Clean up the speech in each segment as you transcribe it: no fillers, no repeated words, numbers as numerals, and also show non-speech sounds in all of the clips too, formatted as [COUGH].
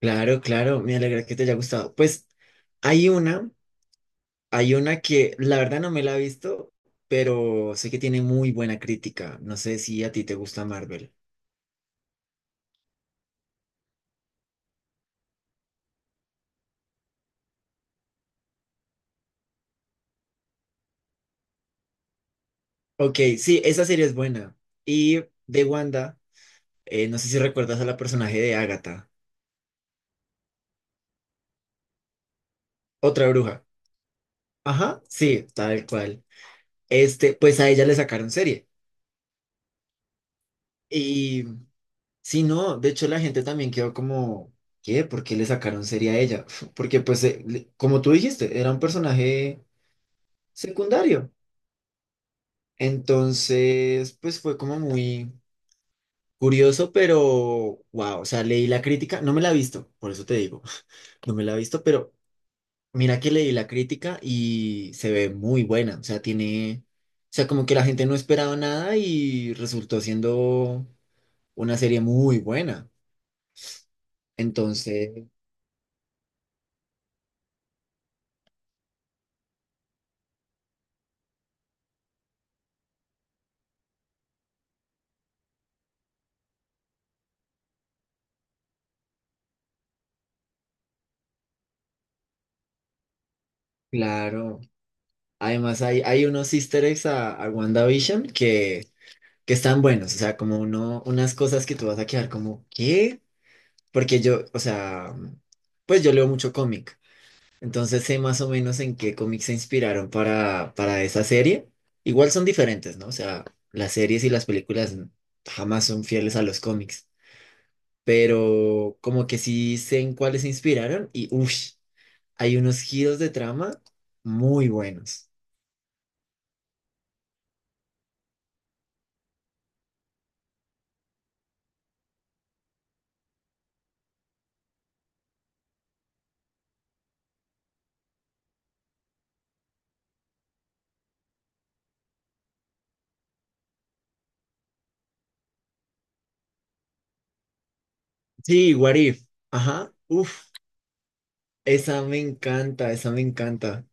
Claro, claro, me alegra que te haya gustado. Pues hay una, hay una que la verdad no me la he visto, pero sé que tiene muy buena crítica. No sé si a ti te gusta Marvel. Ok, sí, esa serie es buena. Y de Wanda, no sé si recuerdas a la personaje de Agatha, otra bruja. Ajá, sí, tal cual. Este, pues a ella le sacaron serie. Y sí, no, de hecho la gente también quedó como, ¿qué? ¿Por qué le sacaron serie a ella? [LAUGHS] Porque pues, como tú dijiste, era un personaje secundario. Entonces, pues fue como muy curioso, pero wow, o sea, leí la crítica, no me la he visto, por eso te digo, [LAUGHS] no me la he visto, pero mira que leí la crítica y se ve muy buena, o sea, tiene, o sea, como que la gente no esperaba nada y resultó siendo una serie muy buena. Entonces, claro, además hay unos easter eggs a WandaVision que están buenos, o sea, como uno, unas cosas que tú vas a quedar como, ¿qué? Porque yo, o sea, pues yo leo mucho cómic, entonces sé más o menos en qué cómics se inspiraron para esa serie. Igual son diferentes, ¿no? O sea, las series y las películas jamás son fieles a los cómics, pero como que sí sé en cuáles se inspiraron y, uff, hay unos giros de trama muy buenos. Sí, What If, ajá, uff, esa me encanta, esa me encanta.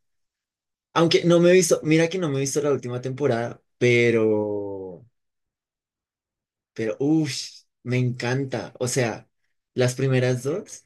Aunque no me he visto, mira que no me he visto la última temporada, pero... Pero, uff, me encanta. O sea, las primeras dos,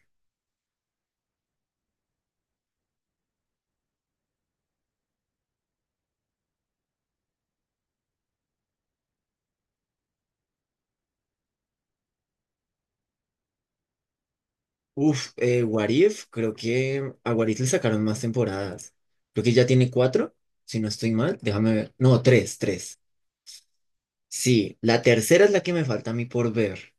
uff, What If, creo que a What If le sacaron más temporadas. Creo que ya tiene cuatro, si no estoy mal. Déjame ver. No, tres. Sí, la tercera es la que me falta a mí por ver.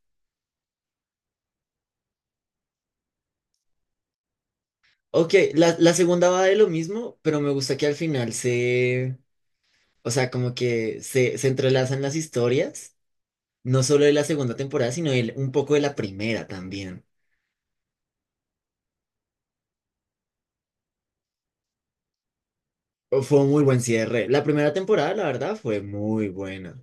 Ok, la segunda va de lo mismo, pero me gusta que al final se, o sea, como que se entrelazan las historias, no solo de la segunda temporada, sino un poco de la primera también. Fue un muy buen cierre. La primera temporada, la verdad, fue muy buena.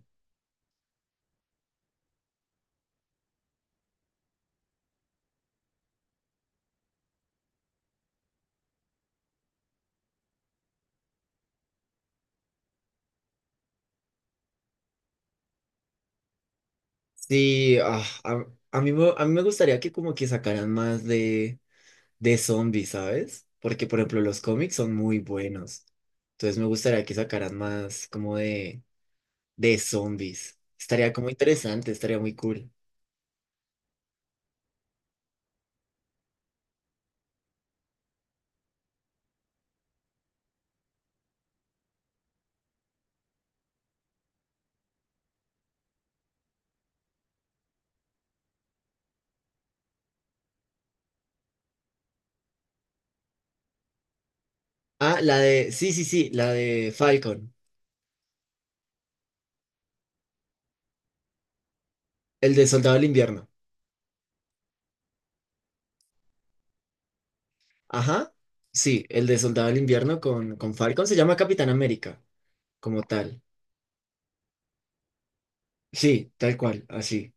Sí, a mí, a mí me gustaría que como que sacaran más de zombies, ¿sabes? Porque, por ejemplo, los cómics son muy buenos. Entonces me gustaría que sacaran más como de zombies. Estaría como interesante, estaría muy cool. Ah, la de, sí, sí, sí, la de Falcon, el de Soldado del Invierno. Ajá, sí, el de Soldado del Invierno con Falcon se llama Capitán América, como tal. Sí, tal cual, así.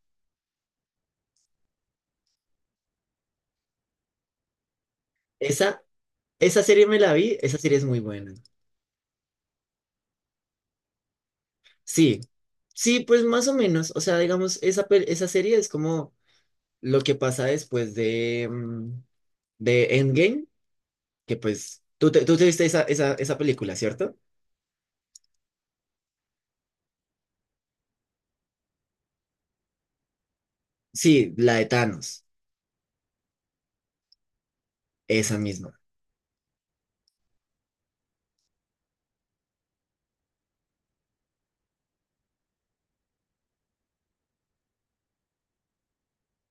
Esa, esa serie me la vi, esa serie es muy buena. Sí, sí, pues más o menos. O sea, digamos, esa serie es como lo que pasa después de, mm, de Endgame, que pues tú te viste esa, esa película, ¿cierto? Sí, la de Thanos, esa misma.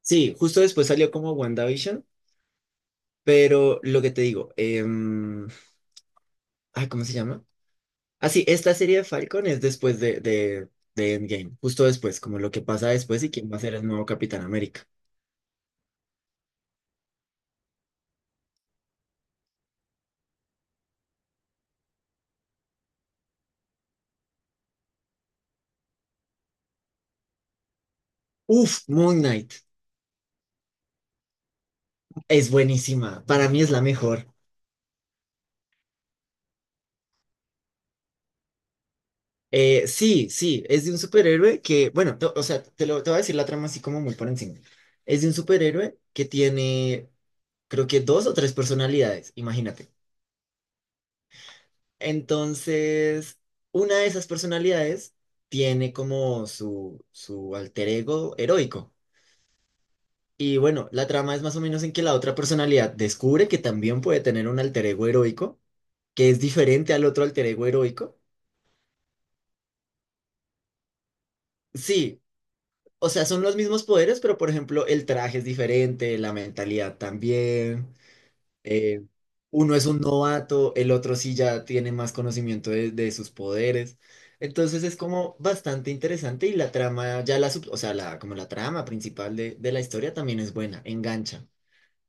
Sí, justo después salió como WandaVision, pero lo que te digo, em, ay, ¿cómo se llama? Ah, sí, esta serie de Falcon es después de, de Endgame, justo después, como lo que pasa después y quién va a ser el nuevo Capitán América. Uf, Moon Knight es buenísima. Para mí es la mejor. Sí, sí, es de un superhéroe que, bueno, o sea, te voy a decir la trama así como muy por encima. Es de un superhéroe que tiene, creo que dos o tres personalidades, imagínate. Entonces, una de esas personalidades tiene como su alter ego heroico. Y bueno, la trama es más o menos en que la otra personalidad descubre que también puede tener un alter ego heroico, que es diferente al otro alter ego heroico. Sí, O sea, son los mismos poderes, pero por ejemplo, el traje es diferente, la mentalidad también. eh, uno es un novato, el otro sí ya tiene más conocimiento de sus poderes. Entonces es como bastante interesante y la trama, o sea, la, como la trama principal de la historia también es buena, engancha.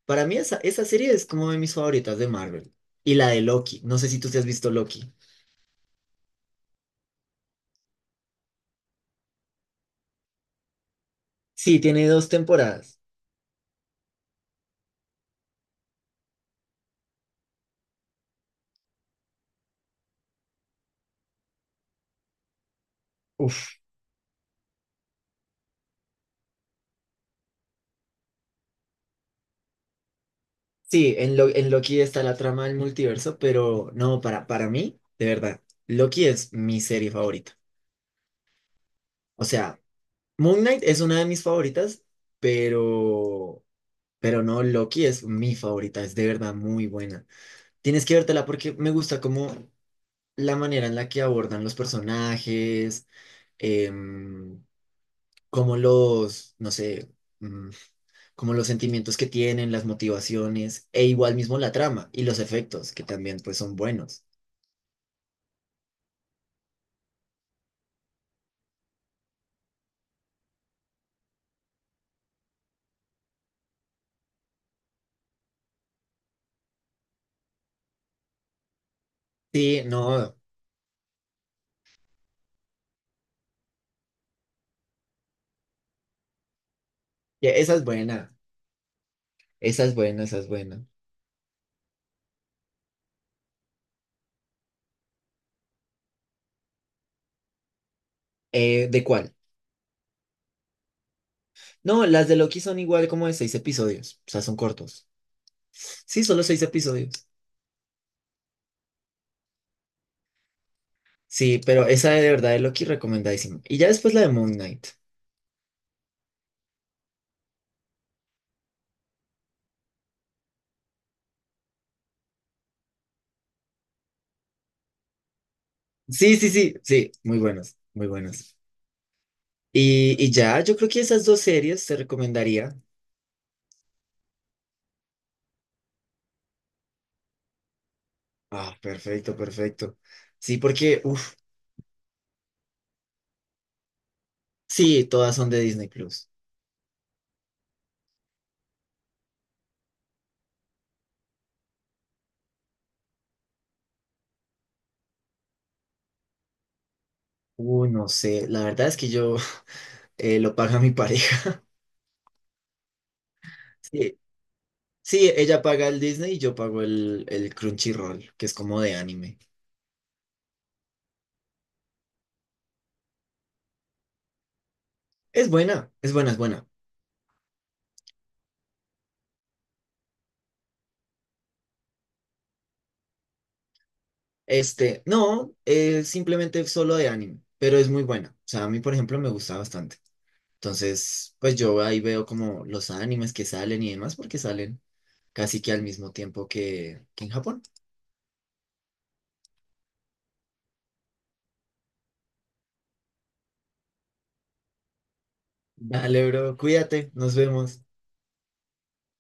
Para mí esa, esa serie es como de mis favoritas de Marvel. Y la de Loki, no sé si tú te has visto Loki. Sí, tiene dos temporadas. Uf, Sí, en Loki está la trama del multiverso, pero no, para mí, de verdad, Loki es mi serie favorita. O sea, Moon Knight es una de mis favoritas, pero, pero no, Loki es mi favorita, es de verdad muy buena. Tienes que vértela porque me gusta como la manera en la que abordan los personajes, em, como los, no sé, mm, como los sentimientos que tienen, las motivaciones, e igual mismo la trama y los efectos, que también pues son buenos. Sí, no, ya, esa es buena, esa es buena, esa es buena. ¿De cuál? No, las de Loki son igual como de seis episodios, o sea, son cortos. Sí, solo seis episodios. Sí, pero esa de verdad de Loki recomendadísima. Y ya después la de Moon Knight. Sí, sí, sí, sí, muy buenas, muy buenas. Y ya, yo creo que esas dos series te recomendaría. Ah, perfecto, perfecto. Sí, porque, uff, sí, todas son de Disney Plus. No sé, la verdad es que yo [LAUGHS] lo paga mi pareja. [LAUGHS] Sí, Sí, ella paga el Disney y yo pago el Crunchyroll, que es como de anime. Es buena, es buena, es buena. Este, no, es simplemente solo de anime, pero es muy buena. O sea, a mí, por ejemplo, me gusta bastante. Entonces, pues yo ahí veo como los animes que salen y demás, porque salen casi que al mismo tiempo que en Japón. Dale, bro, cuídate, nos vemos.